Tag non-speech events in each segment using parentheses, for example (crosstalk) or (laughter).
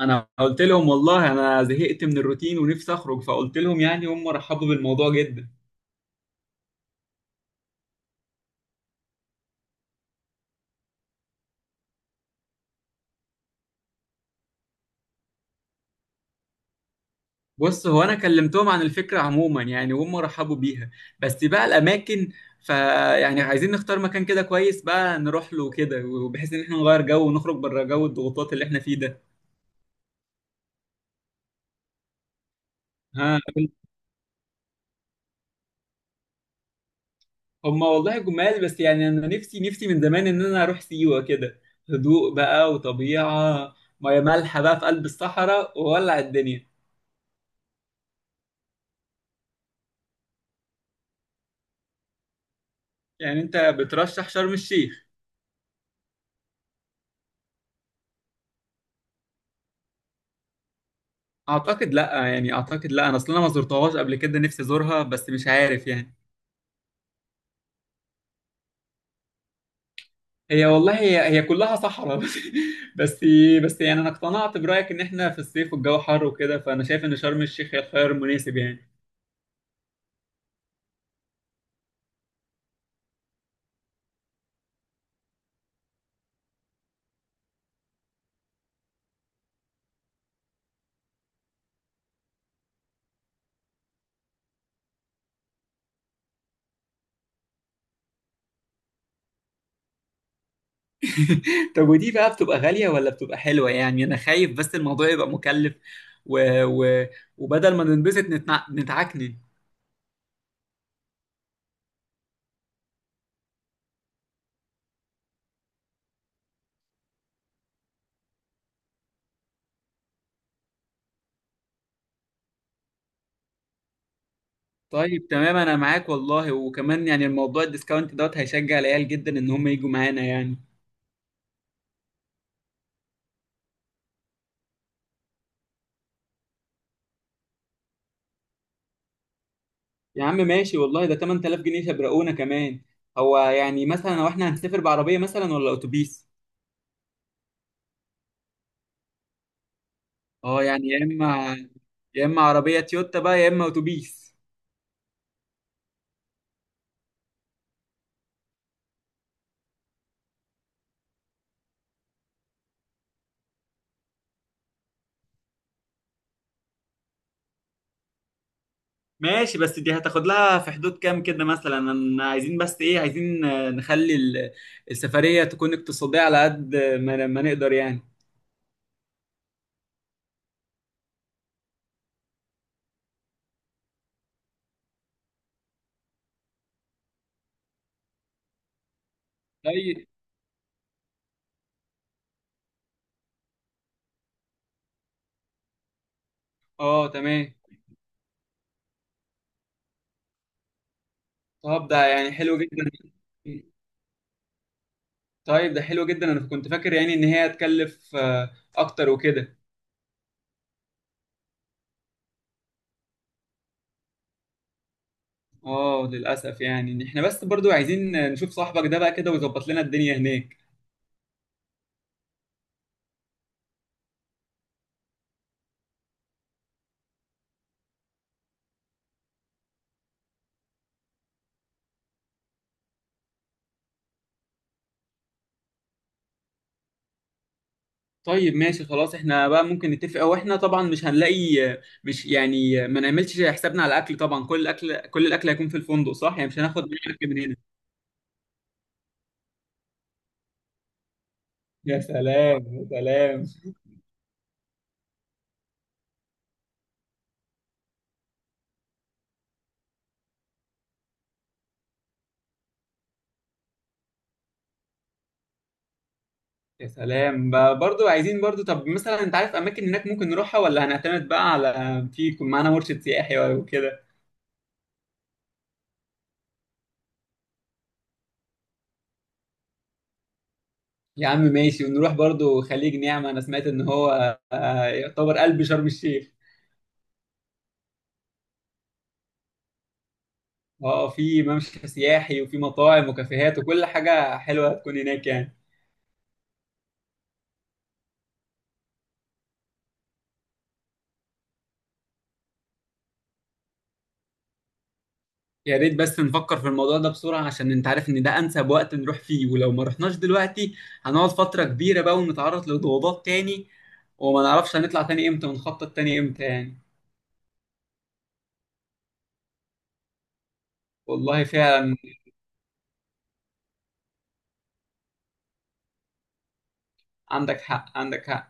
انا قلت لهم والله انا زهقت من الروتين ونفسي اخرج فقلت لهم هم رحبوا بالموضوع جدا. بص هو انا كلمتهم عن الفكره عموما وهم رحبوا بيها، بس بقى الاماكن. فيعني عايزين نختار مكان كده كويس بقى نروح له كده، وبحيث ان احنا نغير جو ونخرج بره جو الضغوطات اللي احنا فيه ده. ها؟ هم والله جمال، بس انا نفسي من زمان ان انا اروح سيوه كده. هدوء بقى وطبيعه، ميه مالحه بقى في قلب الصحراء وولع الدنيا. انت بترشح شرم الشيخ؟ اعتقد لا، انا اصلا ما زرتهاش قبل كده، نفسي ازورها بس مش عارف يعني. هي والله هي كلها صحراء (laughs) بس. بس بس انا اقتنعت برايك ان احنا في الصيف والجو حر وكده، فانا شايف ان شرم الشيخ هي الخيار المناسب يعني. (laughs) طب ودي بقى بتبقى غاليه ولا بتبقى حلوه؟ انا خايف بس الموضوع يبقى مكلف، و... و... وبدل ما ننبسط نتعكنن. طيب تمام انا معاك والله، وكمان الموضوع الديسكاونت دوت هيشجع العيال جدا ان هم يجوا معانا يعني. يا عم ماشي والله، ده 8000 جنيه شبرقونا كمان. هو مثلا لو احنا هنسافر بعربيه مثلا ولا اتوبيس؟ اه يعني، يا اما عربيه تويوتا بقى، يا اما اتوبيس. ماشي، بس دي هتاخد لها في حدود كام كده مثلا؟ أنا عايزين بس ايه عايزين نخلي السفريه تكون اقتصاديه على قد ما نقدر يعني. طيب. اه تمام. طب ده حلو جدا. طيب ده حلو جدا، انا كنت فاكر ان هي هتكلف اكتر وكده. اه للاسف، إن احنا بس برضو عايزين نشوف صاحبك ده بقى كده ويظبط لنا الدنيا هناك. طيب ماشي خلاص، احنا بقى ممكن نتفق او احنا طبعا مش هنلاقي. مش ما نعملش حسابنا على الاكل، طبعا كل الاكل هيكون في الفندق صح يعني، مش هناخد معانا اكل من هنا. يا سلام يا سلام. يا سلام بقى، برضو عايزين برضو. طب مثلا انت عارف اماكن هناك ممكن نروحها، ولا هنعتمد بقى على في يكون معانا مرشد سياحي ولا كده؟ يا عم ماشي. ونروح برضو خليج نعمة، انا سمعت ان هو يعتبر قلب شرم الشيخ. اه في ممشى سياحي وفي مطاعم وكافيهات وكل حاجة حلوة هتكون هناك يعني. يا ريت بس نفكر في الموضوع ده بسرعة، عشان انت عارف ان ده انسب وقت نروح فيه، ولو ما رحناش دلوقتي هنقعد فترة كبيرة بقى ونتعرض لضغوطات تاني، وما نعرفش هنطلع تاني امتى ونخطط تاني امتى يعني. والله فعلا، عندك حق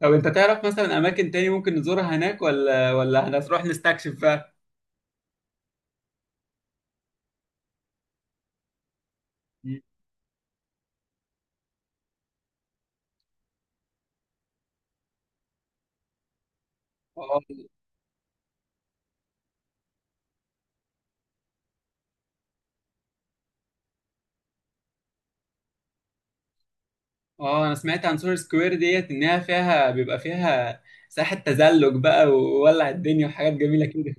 طب انت تعرف مثلا اماكن تاني ممكن نزورها هناك، ولا هنروح نستكشف بقى؟ اه انا سمعت عن سور سكوير ديت انها فيها بيبقى فيها ساحة تزلج بقى وولع الدنيا وحاجات جميلة كده.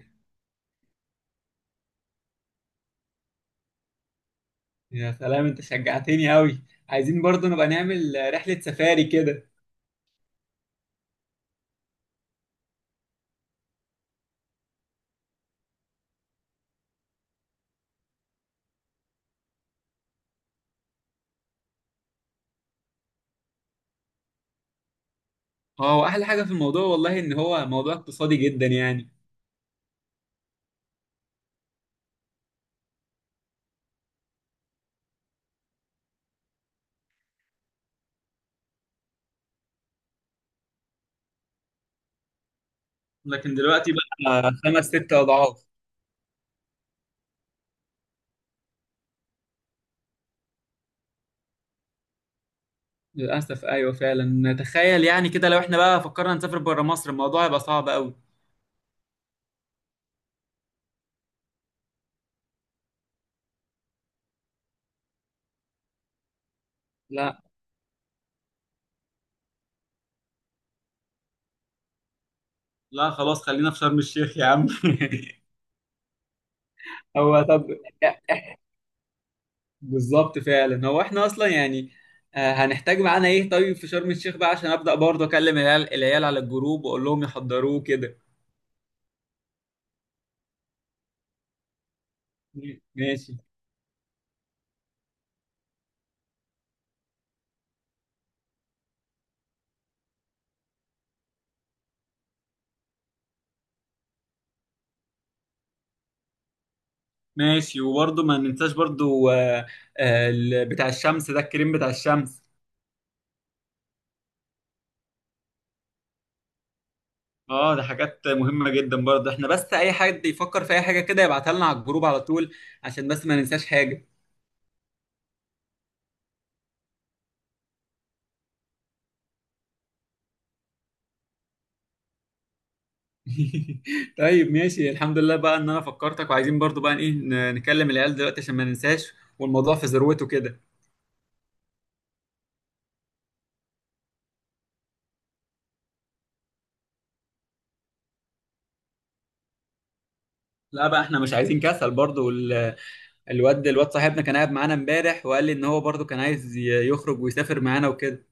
يا سلام، انت شجعتني قوي. عايزين برضه نبقى نعمل رحلة سفاري كده. اه واحلى حاجة في الموضوع والله ان هو موضوع اقتصادي جدا يعني. لكن دلوقتي بقى خمس ست اضعاف. للاسف ايوه فعلا، تخيل يعني كده لو احنا بقى فكرنا نسافر بره مصر الموضوع هيبقى صعب قوي. لا، لا خلاص خلينا في شرم الشيخ يا عم. (laughs) هو طب بالظبط فعلا. هو احنا اصلا يعني هنحتاج معانا ايه طيب في شرم الشيخ بقى، عشان ابدا برضه اكلم العيال على الجروب واقول لهم يحضروه كده. ماشي. ماشي، وبرضه ما ننساش برضه بتاع الشمس ده، الكريم بتاع الشمس. اه ده حاجات مهمة جدا برضه، احنا بس اي حد يفكر في اي حاجة كده يبعتها لنا على الجروب على طول عشان بس ما ننساش حاجة. (laughs) طيب ماشي الحمد لله بقى ان انا فكرتك. وعايزين برضه بقى ايه نكلم العيال دلوقتي عشان ما ننساش والموضوع في ذروته كده. لا بقى احنا مش عايزين كسل برضو، الواد صاحبنا كان قاعد معانا امبارح وقال لي ان هو برضو كان عايز يخرج ويسافر معانا وكده.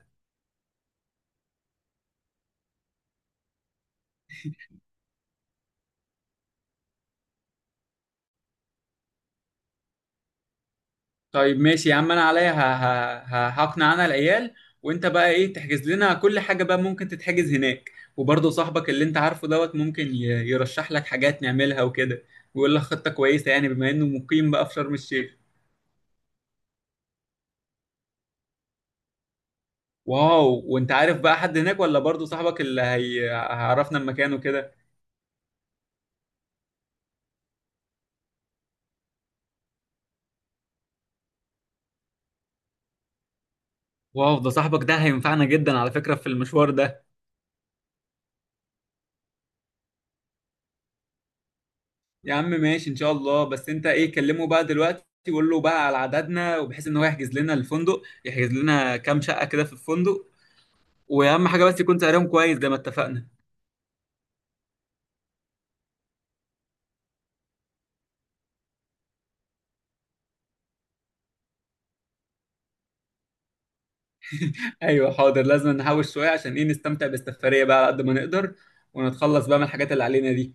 طيب ماشي يا عم، انا عليا هقنع انا العيال، وانت بقى ايه تحجز لنا كل حاجة بقى ممكن تتحجز هناك. وبرضو صاحبك اللي انت عارفه دوت ممكن يرشح لك حاجات نعملها وكده، ويقول لك خطة كويسة يعني بما انه مقيم بقى في شرم الشيخ. واو. وانت عارف بقى حد هناك ولا برضو صاحبك اللي هيعرفنا المكان وكده؟ واو، ده صاحبك ده هينفعنا جدا على فكرة في المشوار ده. يا عم ماشي ان شاء الله، بس انت ايه كلمه بقى دلوقتي وقول له بقى على عددنا، وبحيث ان هو يحجز لنا الفندق، يحجز لنا كام شقة كده في الفندق. واهم حاجة بس يكون سعرهم كويس زي ما اتفقنا. ايوه حاضر، لازم نحوش شوية عشان ايه نستمتع بالسفرية بقى على قد ما نقدر، ونتخلص بقى من الحاجات اللي علينا دي.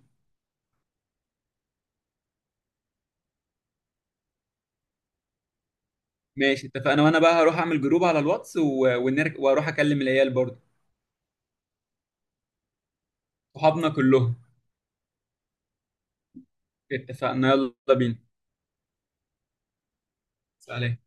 ماشي اتفقنا، وانا بقى هروح اعمل جروب على الواتس واروح اكلم العيال برضه. صحابنا كلهم. اتفقنا، يلا بينا. سلام.